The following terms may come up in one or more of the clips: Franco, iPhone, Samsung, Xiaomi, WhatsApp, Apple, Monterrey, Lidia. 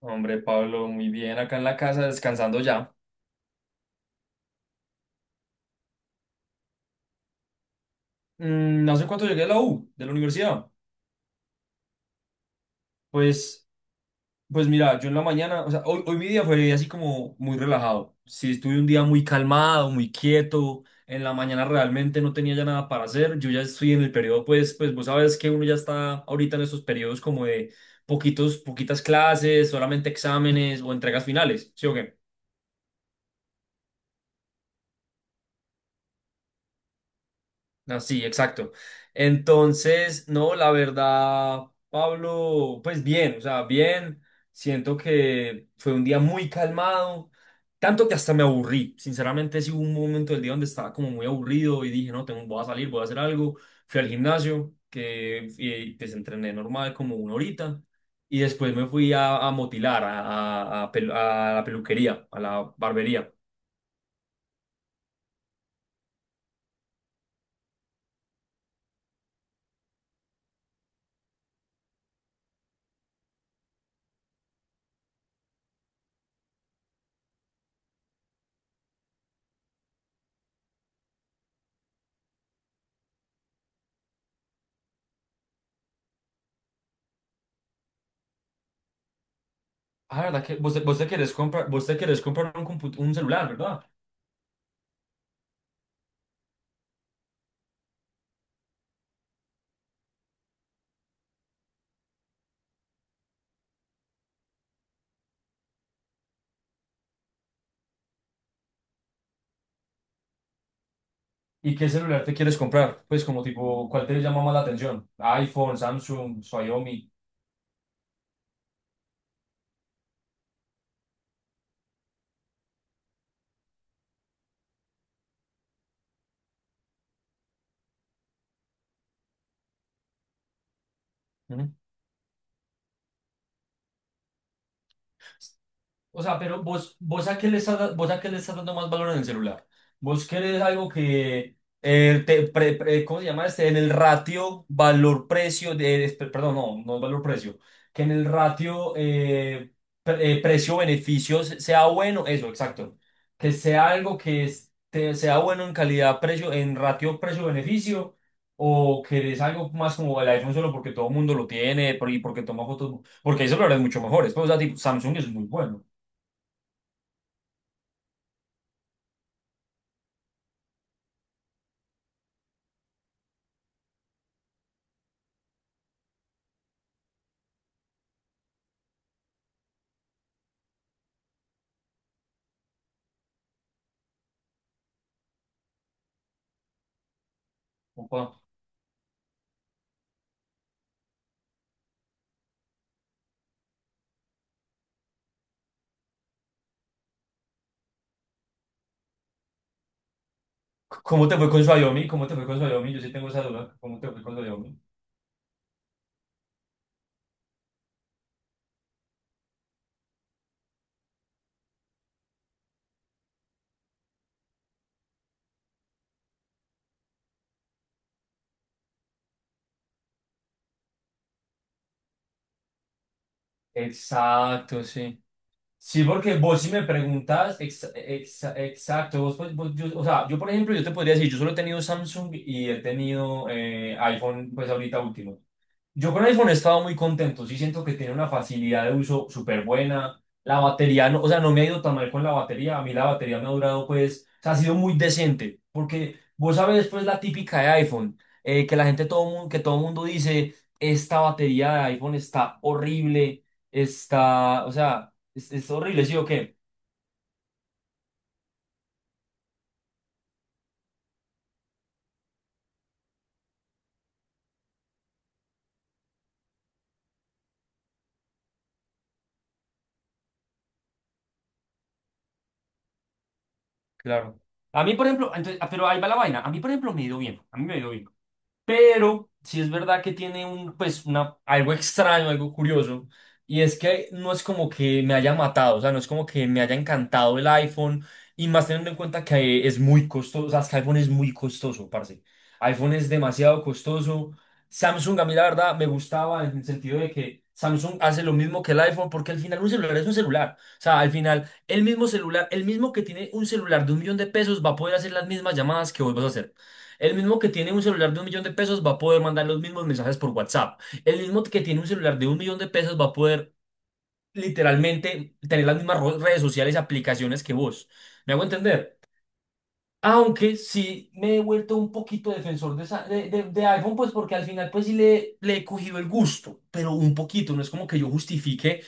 Hombre, Pablo, muy bien, acá en la casa descansando ya. No sé cuánto llegué a la U, de la universidad. Pues, pues, mira, yo en la mañana, o sea, hoy mi día fue así como muy relajado. Sí, estuve un día muy calmado, muy quieto. En la mañana realmente no tenía ya nada para hacer. Yo ya estoy en el periodo, pues, pues vos sabes que uno ya está ahorita en esos periodos como de poquitas clases, solamente exámenes o entregas finales. ¿Sí o Ah, sí, exacto. Entonces, no, la verdad, Pablo, pues bien, o sea, bien. Siento que fue un día muy calmado, tanto que hasta me aburrí. Sinceramente, sí hubo un momento del día donde estaba como muy aburrido y dije: no, tengo, voy a salir, voy a hacer algo. Fui al gimnasio, pues entrené normal como una horita. Y después me fui a motilar, a la peluquería, a la barbería. Ah, ¿verdad que vos te querés comprar un celular, ¿verdad? ¿Y qué celular te quieres comprar? Pues como tipo, ¿cuál te llama más la atención? iPhone, Samsung, Xiaomi. Ujú. O sea, pero vos a qué le estás, vos a qué le estás dando más valor en el celular. Vos querés algo que ¿cómo se llama este? En el ratio valor-precio perdón, no, no valor-precio, que en el ratio precio-beneficios sea bueno, eso, exacto. Que sea algo que sea bueno en calidad-precio, en ratio precio-beneficio, o querés algo más como el iPhone solo porque todo el mundo lo tiene y porque toma fotos, porque hay celulares mucho mejores. Pues, o sea, tipo, Samsung es muy bueno. Opa. ¿Cómo te fue con Xiaomi? ¿Cómo te fue con Xiaomi? Yo sí tengo esa duda. ¿Cómo te fue con Xiaomi? Exacto, sí. Sí, porque vos si me preguntas, ex- ex exacto, vos, pues, yo, o sea, yo por ejemplo, yo te podría decir, yo solo he tenido Samsung y he tenido iPhone, pues ahorita último. Yo con iPhone he estado muy contento, sí siento que tiene una facilidad de uso súper buena. La batería, no, o sea, no me ha ido tan mal con la batería, a mí la batería me ha durado pues, o sea, ha sido muy decente, porque vos sabes pues la típica de iPhone, que la gente, todo mundo, que todo mundo dice, esta batería de iPhone está horrible, está, o sea... Es horrible, ¿sí o qué? Claro. A mí, por ejemplo, entonces, ah, pero ahí va la vaina. A mí, por ejemplo, me ha ido bien. A mí me ha ido bien. Pero sí es verdad que tiene un, pues, una, algo extraño, algo curioso. Y es que no es como que me haya matado, o sea, no es como que me haya encantado el iPhone. Y más teniendo en cuenta que es muy costoso, o sea, es que iPhone es muy costoso, parce. iPhone es demasiado costoso. Samsung, a mí la verdad, me gustaba en el sentido de que Samsung hace lo mismo que el iPhone, porque al final un celular es un celular. O sea, al final, el mismo celular, el mismo que tiene un celular de 1 millón de pesos va a poder hacer las mismas llamadas que vos vas a hacer. El mismo que tiene un celular de un millón de pesos va a poder mandar los mismos mensajes por WhatsApp. El mismo que tiene un celular de un millón de pesos va a poder literalmente tener las mismas redes sociales y aplicaciones que vos. ¿Me hago entender? Aunque sí me he vuelto un poquito defensor de, esa- de iPhone, pues porque al final pues sí le he cogido el gusto, pero un poquito. No es como que yo justifique.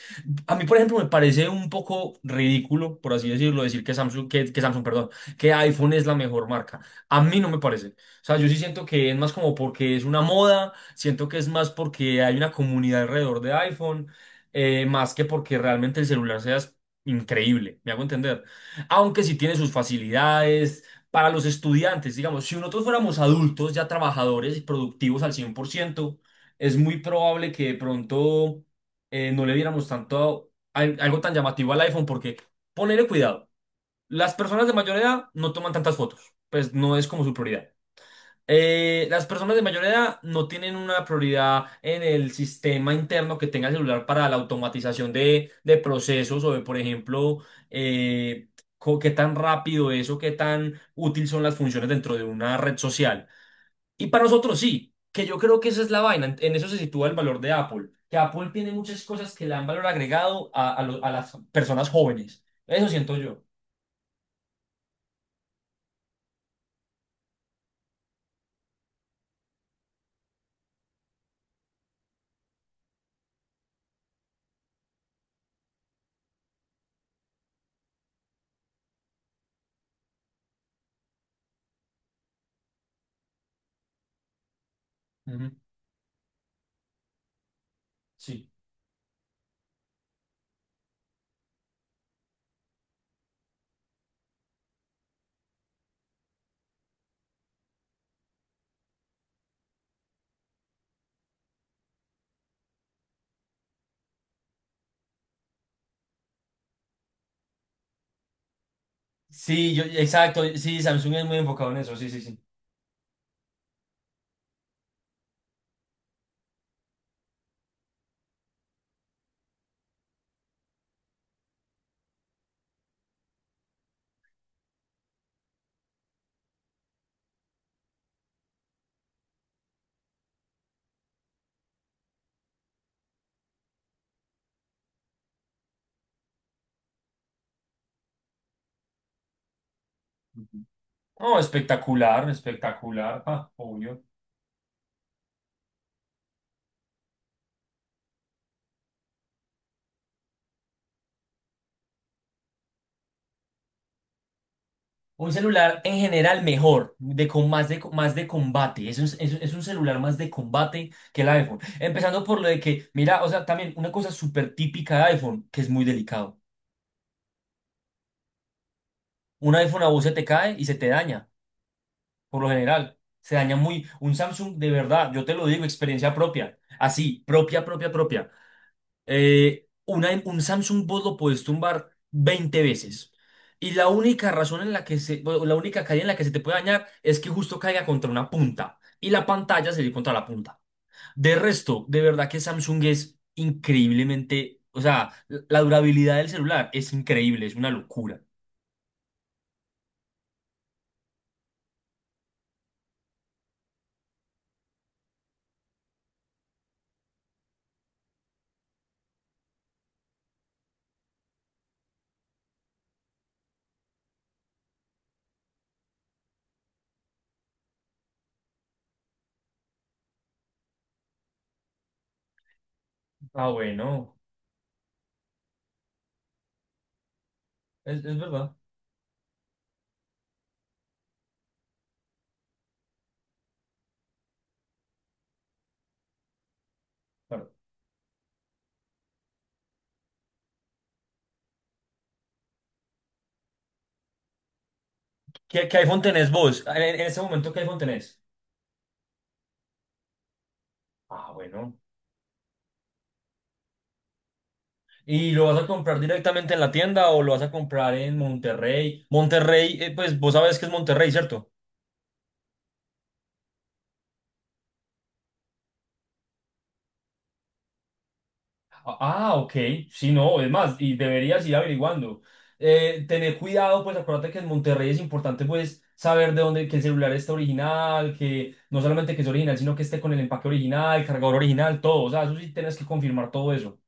A mí, por ejemplo, me parece un poco ridículo, por así decirlo, decir que Samsung, que Samsung, perdón, que iPhone es la mejor marca. A mí no me parece. O sea, yo sí siento que es más como porque es una moda, siento que es más porque hay una comunidad alrededor de iPhone, más que porque realmente el celular sea increíble, me hago entender. Aunque sí tiene sus facilidades para los estudiantes, digamos, si nosotros fuéramos adultos, ya trabajadores y productivos al 100%, es muy probable que de pronto no le diéramos tanto algo tan llamativo al iPhone porque ponele cuidado. Las personas de mayor edad no toman tantas fotos, pues no es como su prioridad. Las personas de mayor edad no tienen una prioridad en el sistema interno que tenga el celular para la automatización de procesos o de, por ejemplo, eh, qué tan rápido es o qué tan útil son las funciones dentro de una red social. Y para nosotros sí, que yo creo que esa es la vaina, en eso se sitúa el valor de Apple, que Apple tiene muchas cosas que le dan valor agregado a las personas jóvenes, eso siento yo. Ujú. Sí. Sí, yo, exacto, sí, Samsung es muy enfocado en eso, sí, sí, sí. Ujú. Oh, espectacular, espectacular, ah, obvio. Un celular en general mejor, de con más de, combate. Es un celular más de combate que el iPhone. Empezando por lo de que, mira, o sea, también una cosa súper típica de iPhone, que es muy delicado. Un iPhone a vos se te cae y se te daña, por lo general. Se daña muy. Un Samsung, de verdad, yo te lo digo, experiencia propia. Así, propia, propia, propia. Un Samsung vos lo puedes tumbar 20 veces. Y la única razón en la que bueno, la única caída en la que se te puede dañar es que justo caiga contra una punta. Y la pantalla se dio contra la punta. De resto, de verdad que Samsung es increíblemente. O sea, la durabilidad del celular es increíble, es una locura. Ah, bueno, es verdad. ¿Qué iPhone tenés vos? En este momento, ¿qué iPhone tenés? Ah, bueno. ¿Y lo vas a comprar directamente en la tienda o lo vas a comprar en Monterrey? Monterrey, pues vos sabes que es Monterrey, ¿cierto? Ah, ah, ok. Sí, no, es más, y deberías ir averiguando. Tener cuidado, pues acuérdate que en Monterrey es importante, pues, saber de dónde, que el celular está original, que no solamente que es original, sino que esté con el empaque original, el cargador original, todo. O sea, eso sí tienes que confirmar todo eso.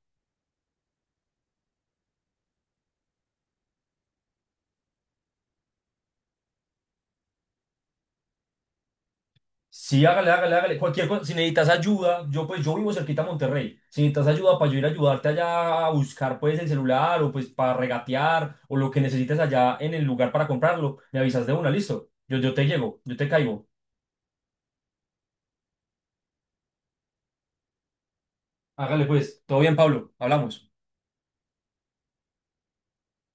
Sí, hágale, hágale, hágale. Cualquier cosa, si necesitas ayuda, yo pues yo vivo cerquita a Monterrey. Si necesitas ayuda para yo ir a ayudarte allá a buscar pues el celular o pues para regatear o lo que necesites allá en el lugar para comprarlo, me avisas de una, listo. Yo te llego, yo te caigo. Hágale pues, todo bien, Pablo, hablamos.